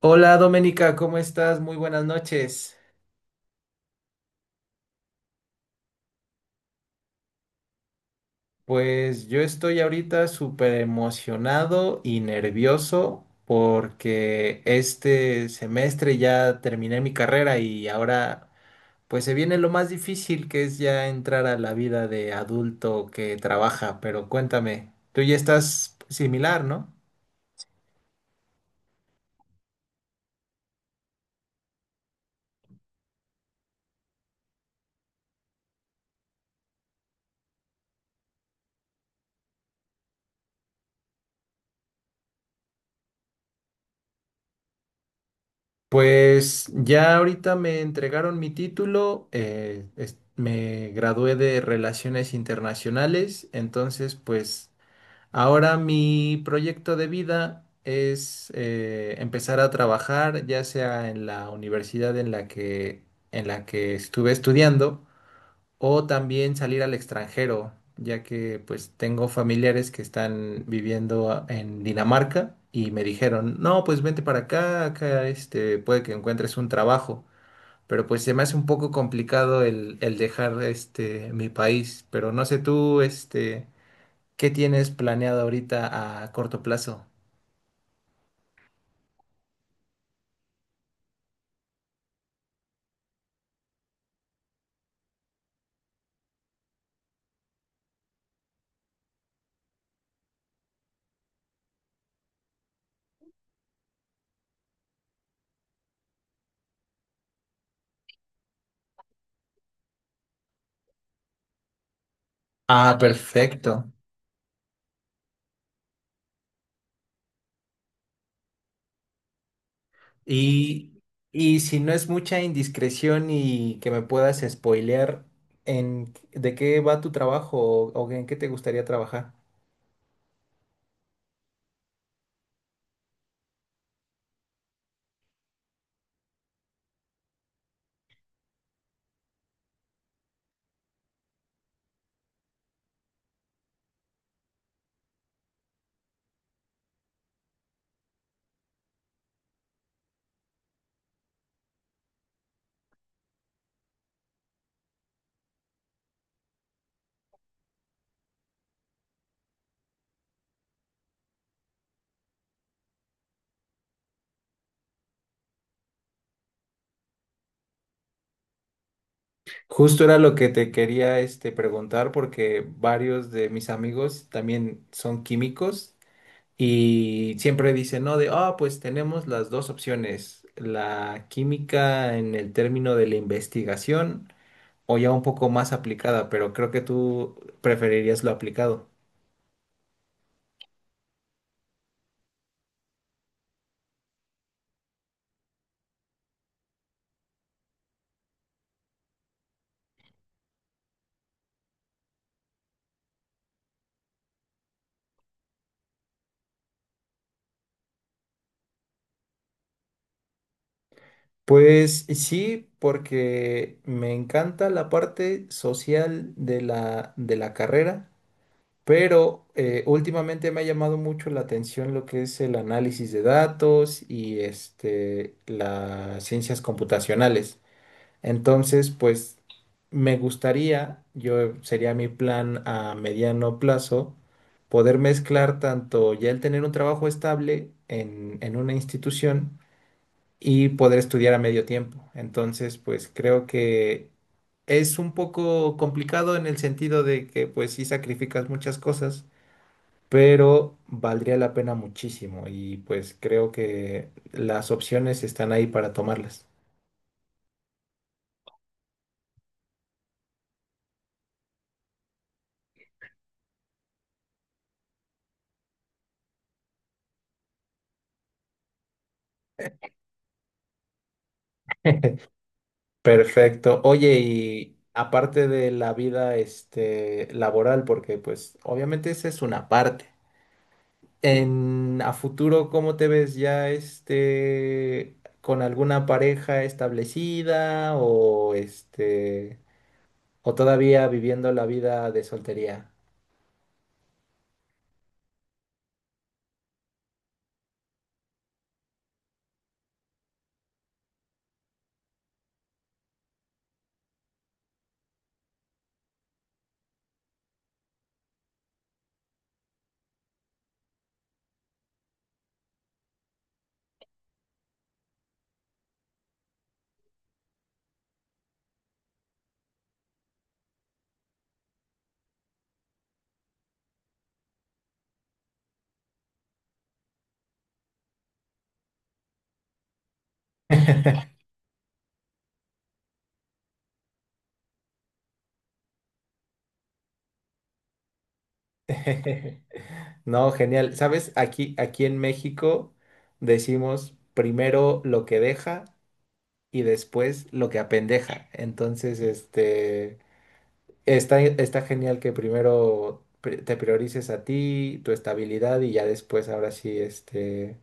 Hola Doménica, ¿cómo estás? Muy buenas noches. Pues yo estoy ahorita súper emocionado y nervioso porque este semestre ya terminé mi carrera y ahora pues se viene lo más difícil, que es ya entrar a la vida de adulto que trabaja. Pero cuéntame, tú ya estás similar, ¿no? Pues ya ahorita me entregaron mi título, me gradué de Relaciones Internacionales, entonces pues ahora mi proyecto de vida es empezar a trabajar, ya sea en la universidad en la que estuve estudiando, o también salir al extranjero, ya que pues tengo familiares que están viviendo en Dinamarca y me dijeron, no, pues vente para acá, acá este, puede que encuentres un trabajo, pero pues se me hace un poco complicado el dejar este, mi país, pero no sé tú, este, ¿qué tienes planeado ahorita a corto plazo? Ah, perfecto. Y, y si no es mucha indiscreción y que me puedas spoilear en de qué va tu trabajo o en qué te gustaría trabajar. Justo era lo que te quería este, preguntar, porque varios de mis amigos también son químicos y siempre dicen, no, de, ah, pues tenemos las dos opciones, la química en el término de la investigación o ya un poco más aplicada, pero creo que tú preferirías lo aplicado. Pues sí, porque me encanta la parte social de la carrera, pero últimamente me ha llamado mucho la atención lo que es el análisis de datos y este, las ciencias computacionales. Entonces, pues me gustaría, yo sería mi plan a mediano plazo, poder mezclar tanto ya el tener un trabajo estable en una institución, y poder estudiar a medio tiempo. Entonces, pues creo que es un poco complicado en el sentido de que pues sí sacrificas muchas cosas, pero valdría la pena muchísimo, y pues creo que las opciones están ahí para tomarlas. Perfecto. Oye, y aparte de la vida este laboral, porque pues obviamente esa es una parte. En a futuro, ¿cómo te ves ya este con alguna pareja establecida, o este o todavía viviendo la vida de soltería? No, genial. ¿Sabes? Aquí en México decimos primero lo que deja y después lo que apendeja. Entonces, este, está genial que primero te priorices a ti, tu estabilidad, y ya después ahora sí este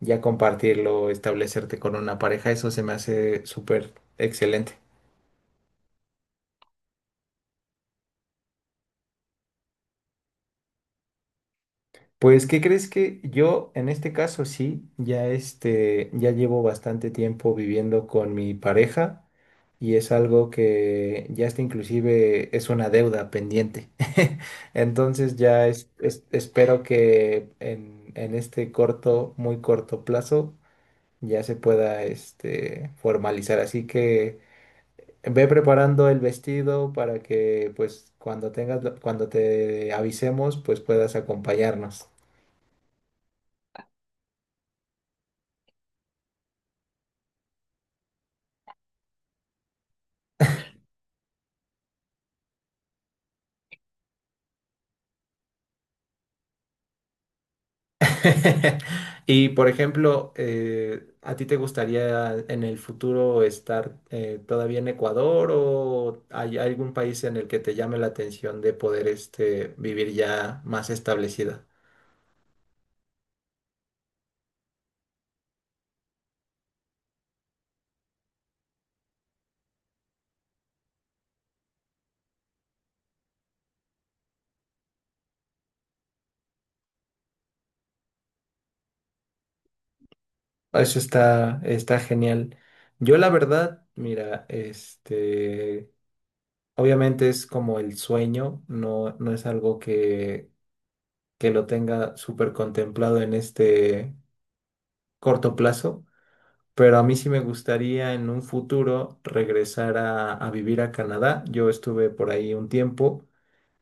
ya compartirlo, establecerte con una pareja, eso se me hace súper excelente. Pues, ¿qué crees? Que yo en este caso sí, ya este, ya llevo bastante tiempo viviendo con mi pareja y es algo que ya está, inclusive es una deuda pendiente. Entonces ya espero que en este corto, muy corto plazo ya se pueda este, formalizar. Así que ve preparando el vestido para que, pues, cuando tengas, cuando te avisemos, pues puedas acompañarnos. Y, por ejemplo, ¿a ti te gustaría en el futuro estar todavía en Ecuador, o hay algún país en el que te llame la atención de poder este, vivir ya más establecida? Eso está genial. Yo la verdad, mira, este, obviamente es como el sueño, no, no es algo que lo tenga súper contemplado en este corto plazo, pero a mí sí me gustaría en un futuro regresar a vivir a Canadá. Yo estuve por ahí un tiempo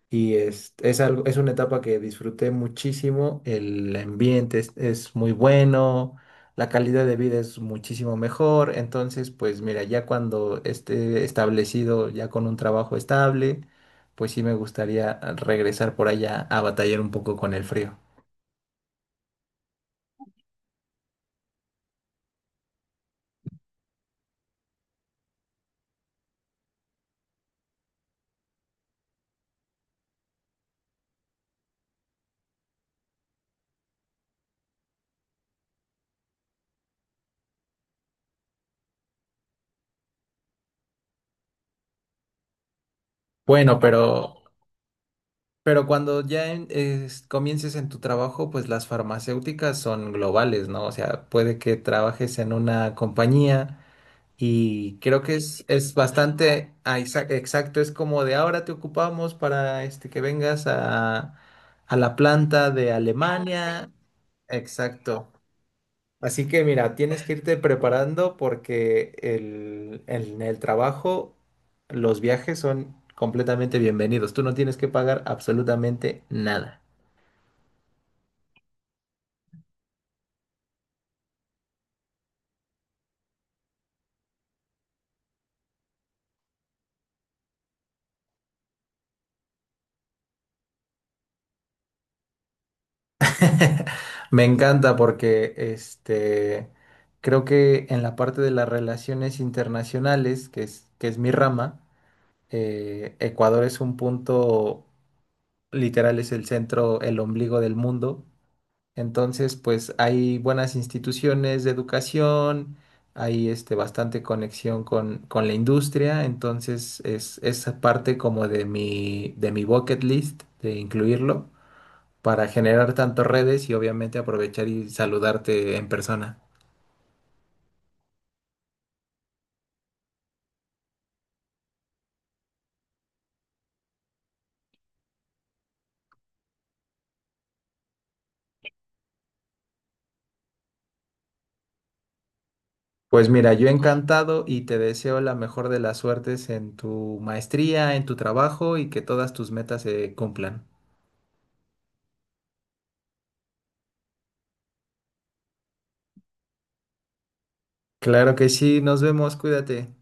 y es algo, es una etapa que disfruté muchísimo. El ambiente es muy bueno, la calidad de vida es muchísimo mejor. Entonces, pues mira, ya cuando esté establecido, ya con un trabajo estable, pues sí me gustaría regresar por allá a batallar un poco con el frío. Bueno, pero cuando ya comiences en tu trabajo, pues las farmacéuticas son globales, ¿no? O sea, puede que trabajes en una compañía. Y creo que es bastante ah, exacto, es como de ahora te ocupamos para este, que vengas a la planta de ah, sí, Alemania. Exacto. Así que mira, tienes que irte preparando porque el, en el trabajo los viajes son completamente bienvenidos. Tú no tienes que pagar absolutamente nada. Me encanta, porque este creo que en la parte de las relaciones internacionales, que es mi rama, Ecuador es un punto, literal, es el centro, el ombligo del mundo. Entonces, pues hay buenas instituciones de educación, hay este, bastante conexión con la industria. Entonces, es parte como de mi bucket list de incluirlo para generar tantas redes y obviamente aprovechar y saludarte en persona. Pues mira, yo encantado, y te deseo la mejor de las suertes en tu maestría, en tu trabajo, y que todas tus metas se cumplan. Claro que sí, nos vemos, cuídate.